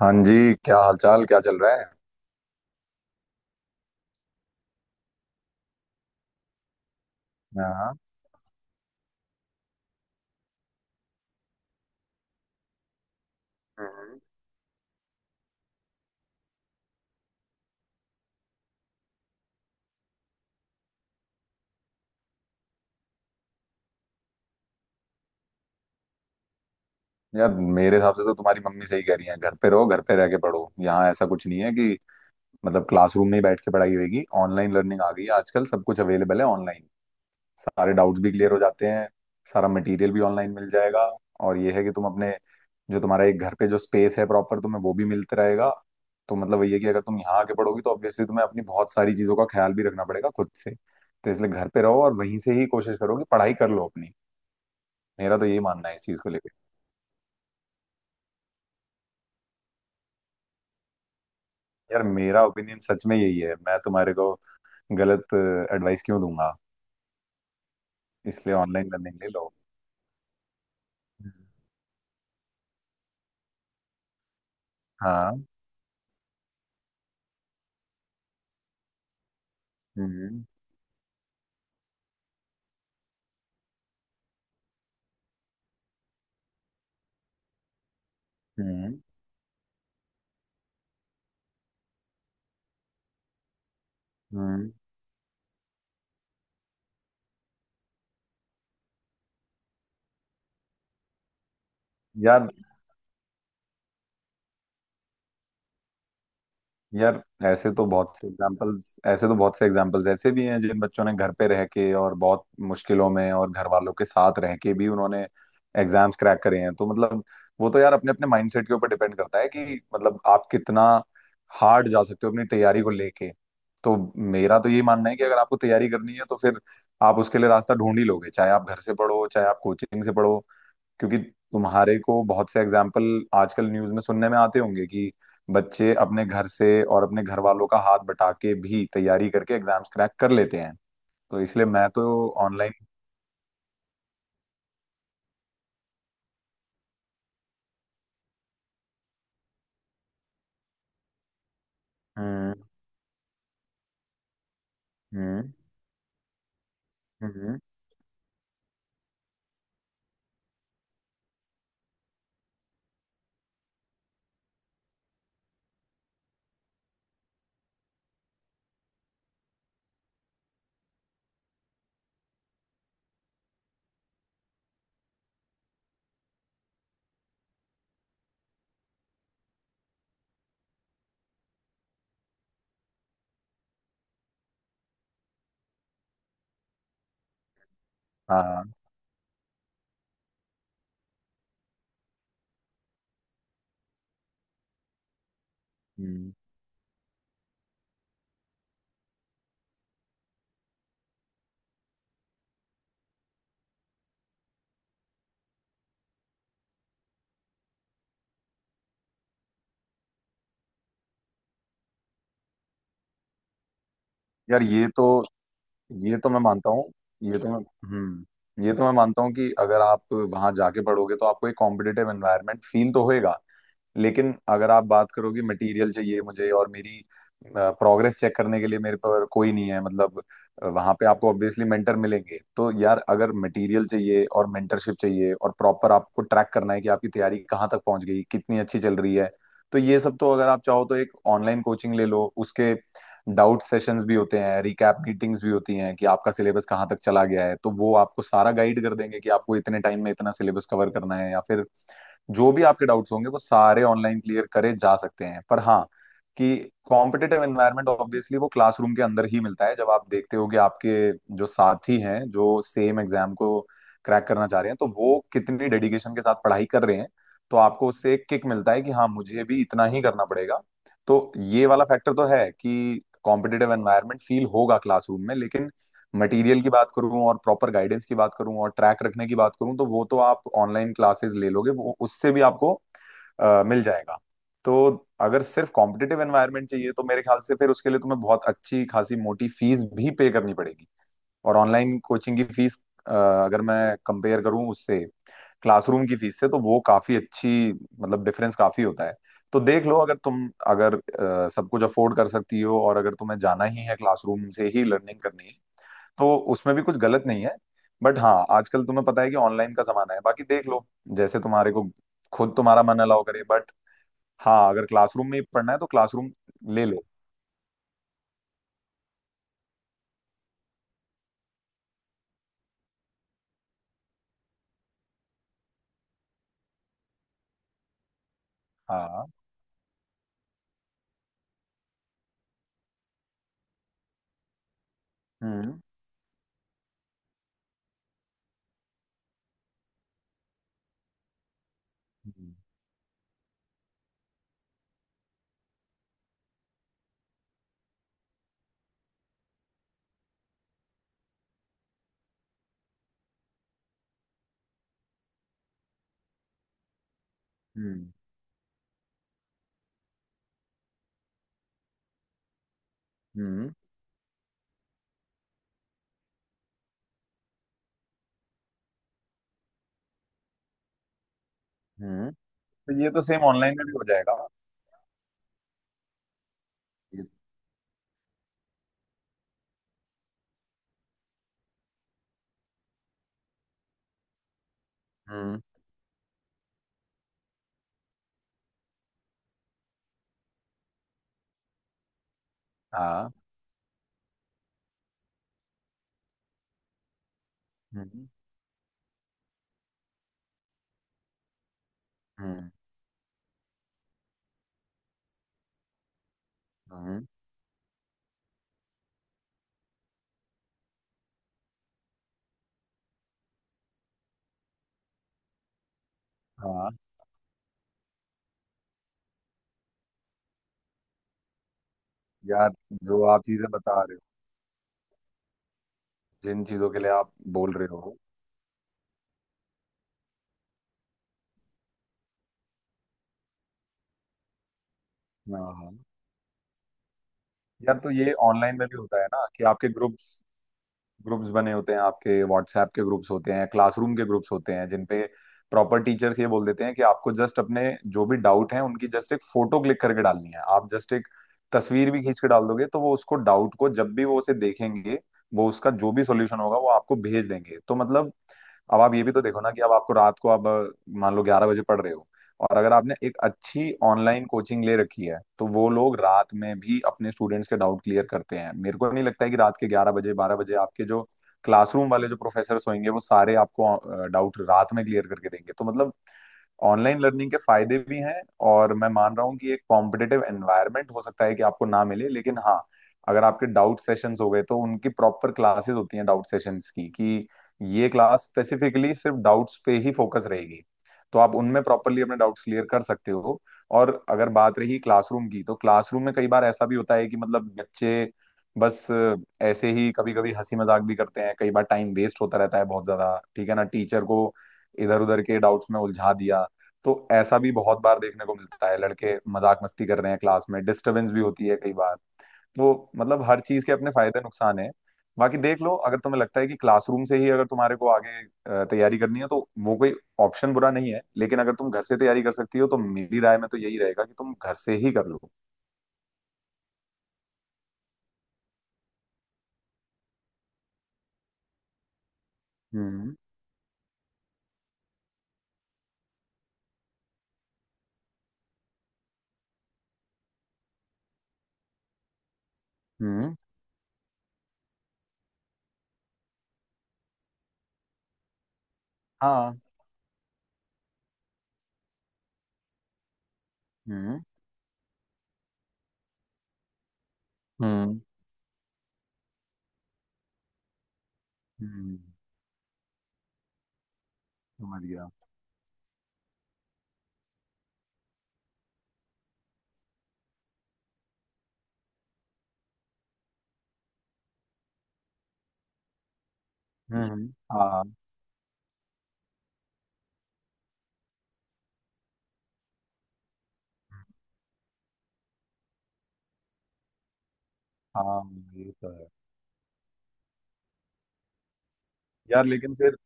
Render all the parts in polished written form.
हाँ जी, क्या हालचाल, क्या चल रहा है? हाँ। हम्म। यार, मेरे हिसाब से तो तुम्हारी मम्मी सही कह रही है। घर पे रहो, घर पे रह के पढ़ो। यहाँ ऐसा कुछ नहीं है कि मतलब क्लासरूम में ही बैठ के पढ़ाई होगी। ऑनलाइन लर्निंग आ गई है आजकल, सब कुछ अवेलेबल है ऑनलाइन। सारे डाउट्स भी क्लियर हो जाते हैं। सारा मटेरियल भी ऑनलाइन मिल जाएगा। और ये है कि तुम अपने, जो तुम्हारा एक घर पे जो स्पेस है प्रॉपर, तुम्हें वो भी मिलता रहेगा। तो मतलब ये है कि अगर तुम यहाँ आके पढ़ोगी तो ऑब्वियसली तुम्हें अपनी बहुत सारी चीजों का ख्याल भी रखना पड़ेगा खुद से। तो इसलिए घर पे रहो और वहीं से ही कोशिश करो कि पढ़ाई कर लो अपनी। मेरा तो यही मानना है इस चीज को लेके। यार, मेरा ओपिनियन सच में यही है। मैं तुम्हारे को गलत एडवाइस क्यों दूंगा? इसलिए ऑनलाइन लर्निंग ले लो। हम्म। हाँ। हम्म। हम्म। हम्म। यार। यार। ऐसे तो बहुत से एग्जाम्पल्स ऐसे भी हैं जिन बच्चों ने घर पे रह के और बहुत मुश्किलों में और घर वालों के साथ रह के भी उन्होंने एग्जाम्स क्रैक करे हैं। तो मतलब वो तो यार अपने अपने माइंडसेट के ऊपर डिपेंड करता है कि मतलब आप कितना हार्ड जा सकते हो अपनी तैयारी को लेके। तो मेरा तो यही मानना है कि अगर आपको तैयारी करनी है तो फिर आप उसके लिए रास्ता ढूंढ ही लोगे, चाहे आप घर से पढ़ो, चाहे आप कोचिंग से पढ़ो। क्योंकि तुम्हारे को बहुत से एग्जाम्पल आजकल न्यूज में सुनने में आते होंगे कि बच्चे अपने घर से और अपने घर वालों का हाथ बटा के भी तैयारी करके एग्जाम्स क्रैक कर लेते हैं। तो इसलिए मैं तो ऑनलाइन। हम्म। हम्म। हम्म। हाँ। हम्म। यार, ये तो मैं मानता हूँ। ये तो मैं ये तो मैं मानता हूँ कि अगर आप वहां जाके पढ़ोगे तो आपको एक कॉम्पिटिटिव एनवायरनमेंट फील तो होएगा। लेकिन अगर आप बात करोगे, मटेरियल चाहिए मुझे, और मेरी प्रोग्रेस चेक करने के लिए मेरे पर कोई नहीं है मतलब, वहां पे आपको ऑब्वियसली मेंटर मिलेंगे। तो यार, अगर मटेरियल चाहिए और मेंटरशिप चाहिए और प्रॉपर आपको ट्रैक करना है कि आपकी तैयारी कहाँ तक पहुंच गई, कितनी अच्छी चल रही है, तो ये सब तो अगर आप चाहो तो एक ऑनलाइन कोचिंग ले लो। उसके डाउट सेशंस भी होते हैं, रिकैप मीटिंग्स भी होती हैं कि आपका सिलेबस कहाँ तक चला गया है। तो वो आपको सारा गाइड कर देंगे कि आपको इतने टाइम में इतना सिलेबस कवर करना है, या फिर जो भी आपके डाउट्स होंगे वो सारे ऑनलाइन क्लियर करे जा सकते हैं। पर हाँ कि कॉम्पिटिटिव एनवायरनमेंट ऑब्वियसली वो क्लासरूम के अंदर ही मिलता है, जब आप देखते हो कि आपके जो साथी हैं, जो सेम एग्जाम को क्रैक करना चाह रहे हैं, तो वो कितनी डेडिकेशन के साथ पढ़ाई कर रहे हैं। तो आपको उससे एक किक मिलता है कि हाँ मुझे भी इतना ही करना पड़ेगा। तो ये वाला फैक्टर तो है कि कॉम्पिटिटिव एनवायरनमेंट फील होगा क्लासरूम में। लेकिन मटेरियल की बात करूं और प्रॉपर गाइडेंस की बात करूं और ट्रैक रखने की बात करूं, तो वो तो आप ऑनलाइन क्लासेस ले लोगे, वो उससे भी आपको मिल जाएगा। तो अगर सिर्फ कॉम्पिटिटिव एनवायरनमेंट चाहिए तो मेरे ख्याल से फिर उसके लिए तुम्हें बहुत अच्छी खासी मोटी फीस भी पे करनी पड़ेगी। और ऑनलाइन कोचिंग की फीस, अगर मैं कंपेयर करूं उससे, क्लासरूम की फीस से, तो वो काफी अच्छी मतलब डिफरेंस काफी होता है। तो देख लो, अगर तुम, अगर सब कुछ अफोर्ड कर सकती हो और अगर तुम्हें जाना ही है, क्लासरूम से ही लर्निंग करनी है, तो उसमें भी कुछ गलत नहीं है। बट हाँ, आजकल तुम्हें पता है कि ऑनलाइन का जमाना है। बाकी देख लो जैसे तुम्हारे को, खुद तुम्हारा मन अलाउ करे। बट हाँ, अगर क्लासरूम में ही पढ़ना है तो क्लासरूम ले लो। हाँ। हम्म। हम्म। हम्म। हम्म। हम्म। तो ये तो सेम ऑनलाइन में भी हो जाएगा। हम्म। हाँ। हम्म। हम्म। हम्म। हाँ। यार, जो आप चीजें बता रहे हो, जिन चीजों के लिए आप बोल रहे हो। हाँ। हाँ। यार, तो ये ऑनलाइन में भी होता है ना, कि आपके ग्रुप्स, बने होते हैं, आपके व्हाट्सएप के ग्रुप्स होते हैं, क्लासरूम के ग्रुप्स होते हैं, जिन पे प्रॉपर टीचर्स ये बोल देते हैं कि आपको जस्ट अपने जो भी डाउट हैं उनकी जस्ट एक फोटो क्लिक करके डालनी है। आप जस्ट एक तस्वीर भी खींच के डाल दोगे तो वो उसको डाउट को जब भी वो उसे देखेंगे, वो उसका जो भी सॉल्यूशन होगा वो आपको भेज देंगे। तो मतलब अब आप ये भी तो देखो ना कि अब आपको रात को, अब मान लो 11 बजे पढ़ रहे हो, और अगर आपने एक अच्छी ऑनलाइन कोचिंग ले रखी है तो वो लोग रात में भी अपने स्टूडेंट्स के डाउट क्लियर करते हैं। मेरे को नहीं लगता है कि रात के 11 बजे, 12 बजे, आपके जो क्लासरूम वाले जो प्रोफेसर्स होंगे वो सारे आपको डाउट रात में क्लियर करके देंगे। तो मतलब ऑनलाइन लर्निंग के फायदे भी हैं। और मैं मान रहा हूँ कि एक कॉम्पिटिटिव एनवायरनमेंट हो सकता है कि आपको ना मिले, लेकिन हाँ, अगर आपके डाउट सेशंस हो गए तो उनकी प्रॉपर क्लासेस होती हैं डाउट सेशंस की, कि ये क्लास स्पेसिफिकली सिर्फ डाउट्स पे ही फोकस रहेगी। तो आप उनमें प्रॉपरली अपने डाउट्स क्लियर कर सकते हो। और अगर बात रही क्लासरूम की, तो क्लासरूम में कई बार ऐसा भी होता है कि मतलब बच्चे बस ऐसे ही कभी कभी हंसी मजाक भी करते हैं। कई बार टाइम वेस्ट होता रहता है बहुत ज्यादा, ठीक है ना, टीचर को इधर उधर के डाउट्स में उलझा दिया। तो ऐसा भी बहुत बार देखने को मिलता है, लड़के मजाक मस्ती कर रहे हैं क्लास में, डिस्टरबेंस भी होती है कई बार वो, मतलब हर चीज के अपने फायदे नुकसान है। बाकी देख लो, अगर तुम्हें लगता है कि क्लासरूम से ही अगर तुम्हारे को आगे तैयारी करनी है, तो वो कोई ऑप्शन बुरा नहीं है। लेकिन अगर तुम घर से तैयारी कर सकती हो तो मेरी राय में तो यही रहेगा कि तुम घर से ही कर लो। हम्म। हम्म। हाँ। हम्म। हम्म। हम्म। समझ गया। हम्म। हाँ। हाँ। ये तो है। यार लेकिन फिर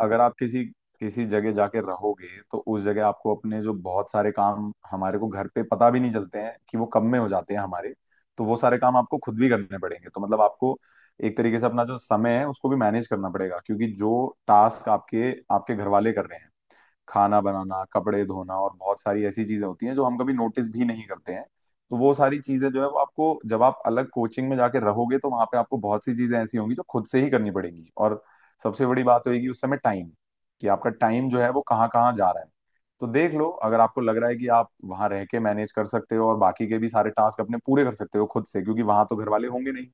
अगर आप किसी किसी जगह जाके रहोगे तो उस जगह आपको अपने, जो बहुत सारे काम हमारे को घर पे पता भी नहीं चलते हैं कि वो कब में हो जाते हैं हमारे, तो वो सारे काम आपको खुद भी करने पड़ेंगे। तो मतलब आपको एक तरीके से अपना जो समय है उसको भी मैनेज करना पड़ेगा, क्योंकि जो टास्क आपके आपके घर वाले कर रहे हैं, खाना बनाना, कपड़े धोना और बहुत सारी ऐसी चीजें होती हैं जो हम कभी नोटिस भी नहीं करते हैं। तो वो सारी चीजें जो है वो आपको, जब आप अलग कोचिंग में जाके रहोगे तो वहां पे आपको बहुत सी चीजें ऐसी होंगी जो खुद से ही करनी पड़ेंगी। और सबसे बड़ी बात होगी उस समय टाइम, कि आपका टाइम जो है वो कहाँ कहाँ जा रहा है। तो देख लो अगर आपको लग रहा है कि आप वहां रह के मैनेज कर सकते हो और बाकी के भी सारे टास्क अपने पूरे कर सकते हो खुद से, क्योंकि वहां तो घर वाले होंगे नहीं,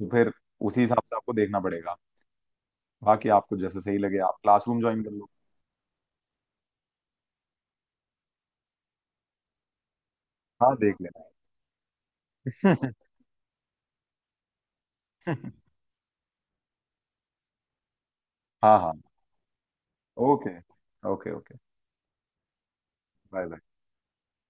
तो फिर उसी हिसाब से आपको देखना पड़ेगा। बाकी आपको जैसे सही लगे, आप क्लासरूम ज्वाइन कर लो। हाँ, देख लेना। हाँ। हाँ। Okay. Okay. Okay. Bye bye.